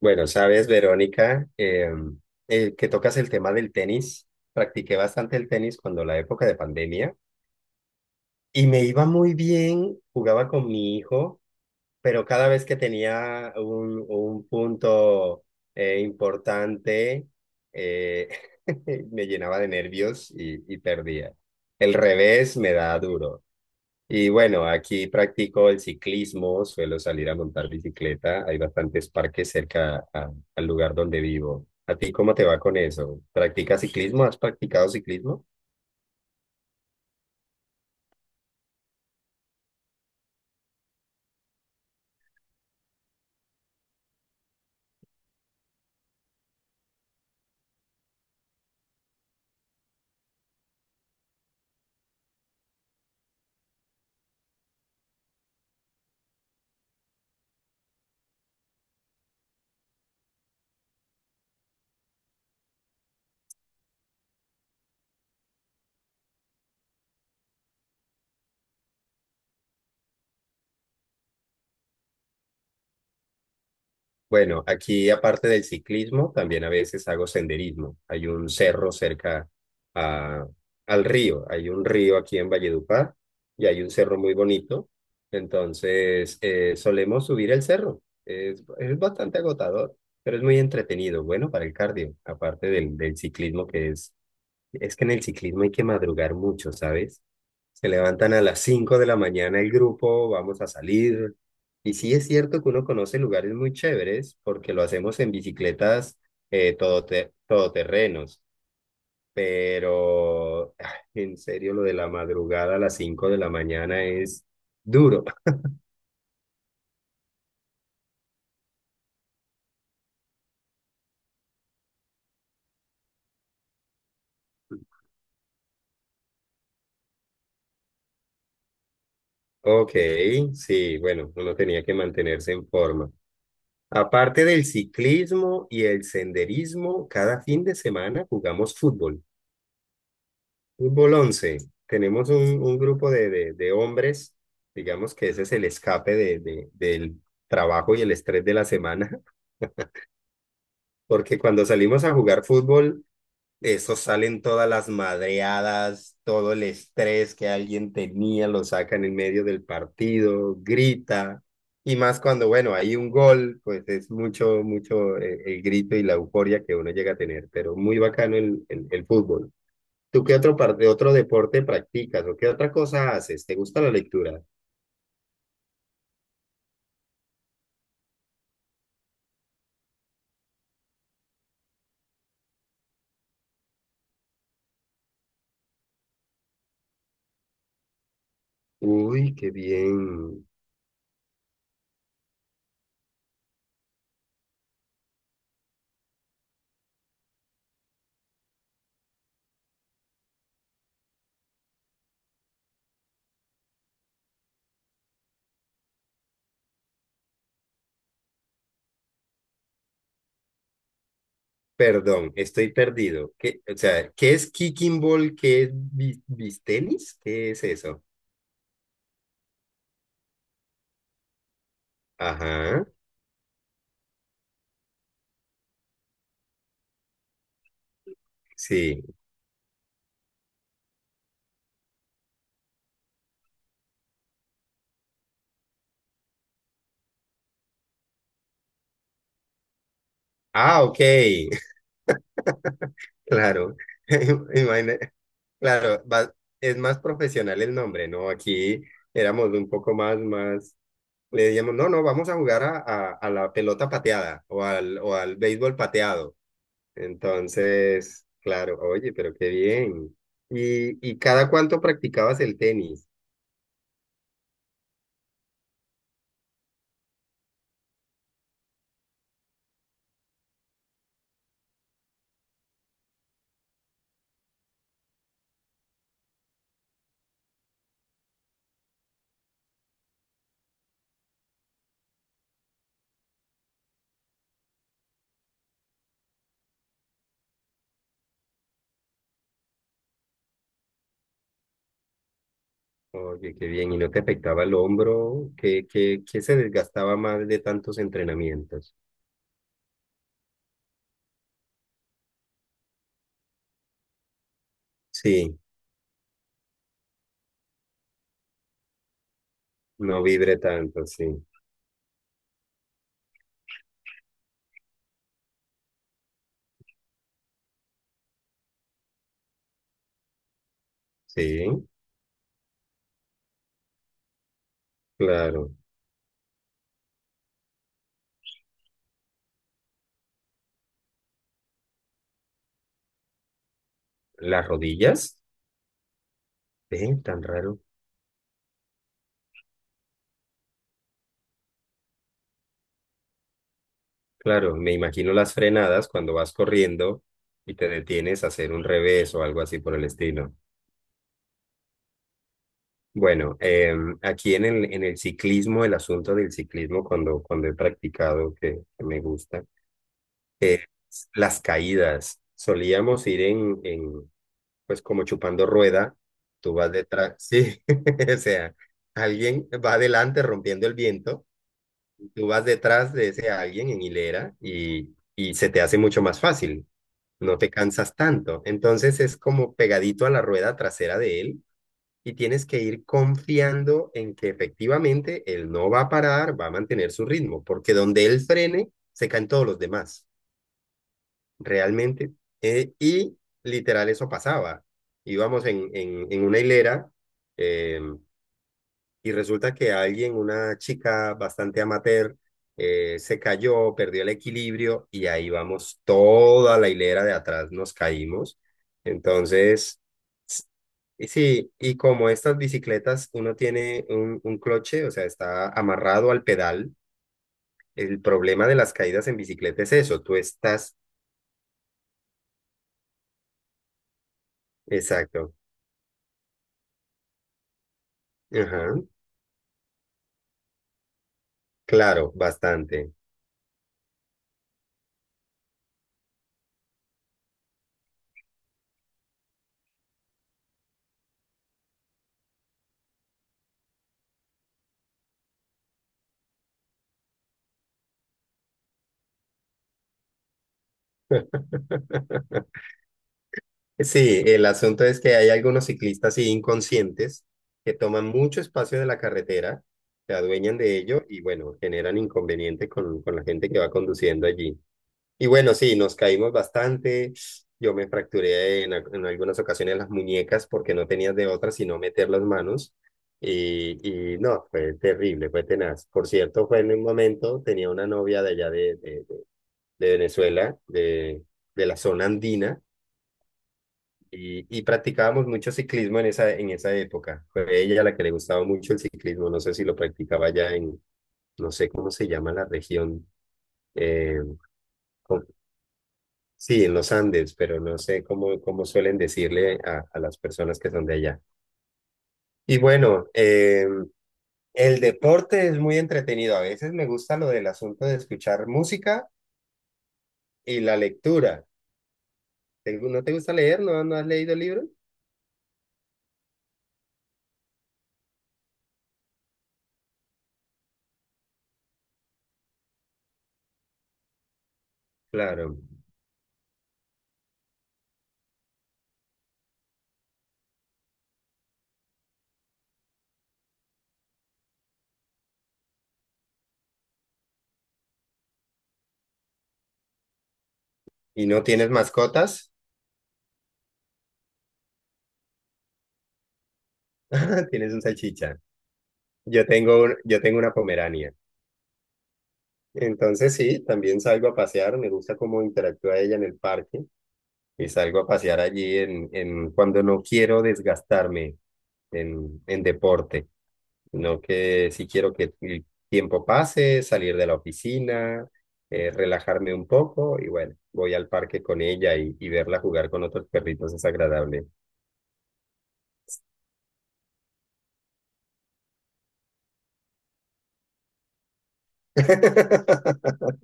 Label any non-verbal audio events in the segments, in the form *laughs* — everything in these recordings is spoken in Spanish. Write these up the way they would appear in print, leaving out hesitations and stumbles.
Bueno, sabes, Verónica, que tocas el tema del tenis. Practiqué bastante el tenis cuando la época de pandemia y me iba muy bien, jugaba con mi hijo, pero cada vez que tenía un punto importante, eh, *laughs* me llenaba de nervios y perdía. El revés me da duro. Y bueno, aquí practico el ciclismo, suelo salir a montar bicicleta. Hay bastantes parques cerca al lugar donde vivo. ¿A ti cómo te va con eso? ¿Practicas ciclismo? ¿Has practicado ciclismo? Bueno, aquí aparte del ciclismo, también a veces hago senderismo. Hay un cerro cerca a- al río. Hay un río aquí en Valledupar y hay un cerro muy bonito. Entonces, solemos subir el cerro. Es bastante agotador, pero es muy entretenido. Bueno, para el cardio, aparte del ciclismo que es que en el ciclismo hay que madrugar mucho, ¿sabes? Se levantan a las 5 de la mañana el grupo, vamos a salir. Y sí es cierto que uno conoce lugares muy chéveres porque lo hacemos en bicicletas todoterrenos, pero *sighs* en serio lo de la madrugada a las 5 de la mañana es duro. *laughs* Ok, sí, bueno, uno tenía que mantenerse en forma. Aparte del ciclismo y el senderismo, cada fin de semana jugamos fútbol. Fútbol 11. Tenemos un grupo de hombres, digamos que ese es el escape del trabajo y el estrés de la semana. *laughs* Porque cuando salimos a jugar fútbol, eso salen todas las madreadas, todo el estrés que alguien tenía, lo sacan en medio del partido, grita, y más cuando, bueno, hay un gol, pues es mucho, mucho grito y la euforia que uno llega a tener, pero muy bacano el fútbol. ¿Tú qué otro, de otro deporte practicas o qué otra cosa haces? ¿Te gusta la lectura? Uy, qué bien. Perdón, estoy perdido. ¿Qué, o sea, qué es kicking ball? ¿Qué es bistenis? ¿Qué es eso? Ajá, sí. Ah, ok. *laughs* Claro. *laughs* Imagina- claro, es más profesional el nombre, ¿no? Aquí éramos un poco más, más. Le decíamos, no, no, vamos a jugar a la pelota pateada o al béisbol pateado. Entonces, claro, oye, pero qué bien. Y cada cuánto practicabas el tenis? Oye, qué bien. ¿Y no te afectaba el hombro? ¿Qué, qué, qué se desgastaba más de tantos entrenamientos? Sí, no vibre tanto, sí. Sí, claro. ¿Las rodillas? Tan raro. Claro, me imagino las frenadas cuando vas corriendo y te detienes a hacer un revés o algo así por el estilo. Bueno, aquí en el ciclismo, el asunto del ciclismo, cuando he practicado, que me gusta, eh, las caídas. Solíamos ir pues como chupando rueda, tú vas detrás, sí, *laughs* o sea, alguien va adelante rompiendo el viento, tú vas detrás de ese alguien en hilera y se te hace mucho más fácil, no te cansas tanto. Entonces es como pegadito a la rueda trasera de él y tienes que ir confiando en que efectivamente él no va a parar, va a mantener su ritmo, porque donde él frene, se caen todos los demás, realmente. Eh, y literal eso pasaba. Íbamos en una hilera eh, y resulta que alguien, una chica bastante amateur, se cayó, perdió el equilibrio y ahí vamos toda la hilera de atrás, nos caímos. Entonces sí, y como estas bicicletas, uno tiene un cloche, o sea, está amarrado al pedal. El problema de las caídas en bicicleta es eso, tú estás... Exacto. Ajá. Claro, bastante. Sí, el asunto es que hay algunos ciclistas sí, inconscientes que toman mucho espacio de la carretera, se adueñan de ello y bueno, generan inconveniente con la gente que va conduciendo allí. Y bueno, sí, nos caímos bastante. Yo me fracturé en algunas ocasiones las muñecas porque no tenías de otra sino meter las manos. No, fue terrible, fue tenaz. Por cierto, fue en un momento, tenía una novia de allá de Venezuela, de la zona andina, y practicábamos mucho ciclismo en esa época. Fue ella la que le gustaba mucho el ciclismo, no sé si lo practicaba no sé cómo se llama la región, eh, sí, en los Andes, pero no sé cómo, cómo suelen decirle a las personas que son de allá. Y bueno, el deporte es muy entretenido. A veces me gusta lo del asunto de escuchar música y la lectura. ¿No te gusta leer? ¿No, no has leído libros? Claro. ¿Y no tienes mascotas? *laughs* Tienes un salchicha. Yo tengo, yo tengo una pomerania. Entonces sí, también salgo a pasear. Me gusta cómo interactúa ella en el parque y salgo a pasear allí en cuando no quiero desgastarme en deporte, sino que si quiero que el tiempo pase, salir de la oficina, relajarme un poco y bueno, voy al parque con ella verla jugar con otros perritos es agradable. *laughs*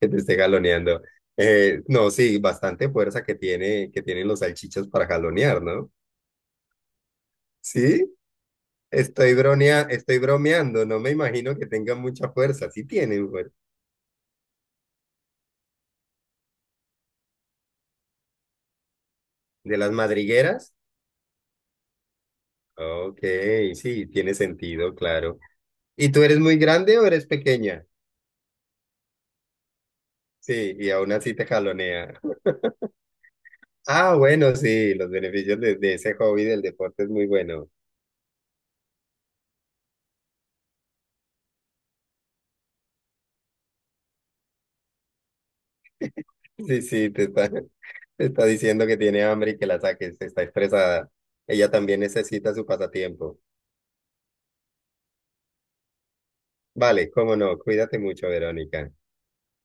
Que te esté jaloneando. No, sí, bastante fuerza que tiene, que tienen los salchichas para jalonear, ¿no? Sí, estoy bronea, estoy bromeando, no me imagino que tengan mucha fuerza, sí tienen, fuer- De las madrigueras, ok, sí, tiene sentido, claro. ¿Y tú eres muy grande o eres pequeña? Sí, y aún así te jalonea. Ah, bueno, sí, los beneficios de ese hobby del deporte es muy bueno. Sí, sí, te está, *laughs* te está diciendo que tiene hambre y que la saques, está estresada. Ella también necesita su pasatiempo. Vale, cómo no, cuídate mucho, Verónica.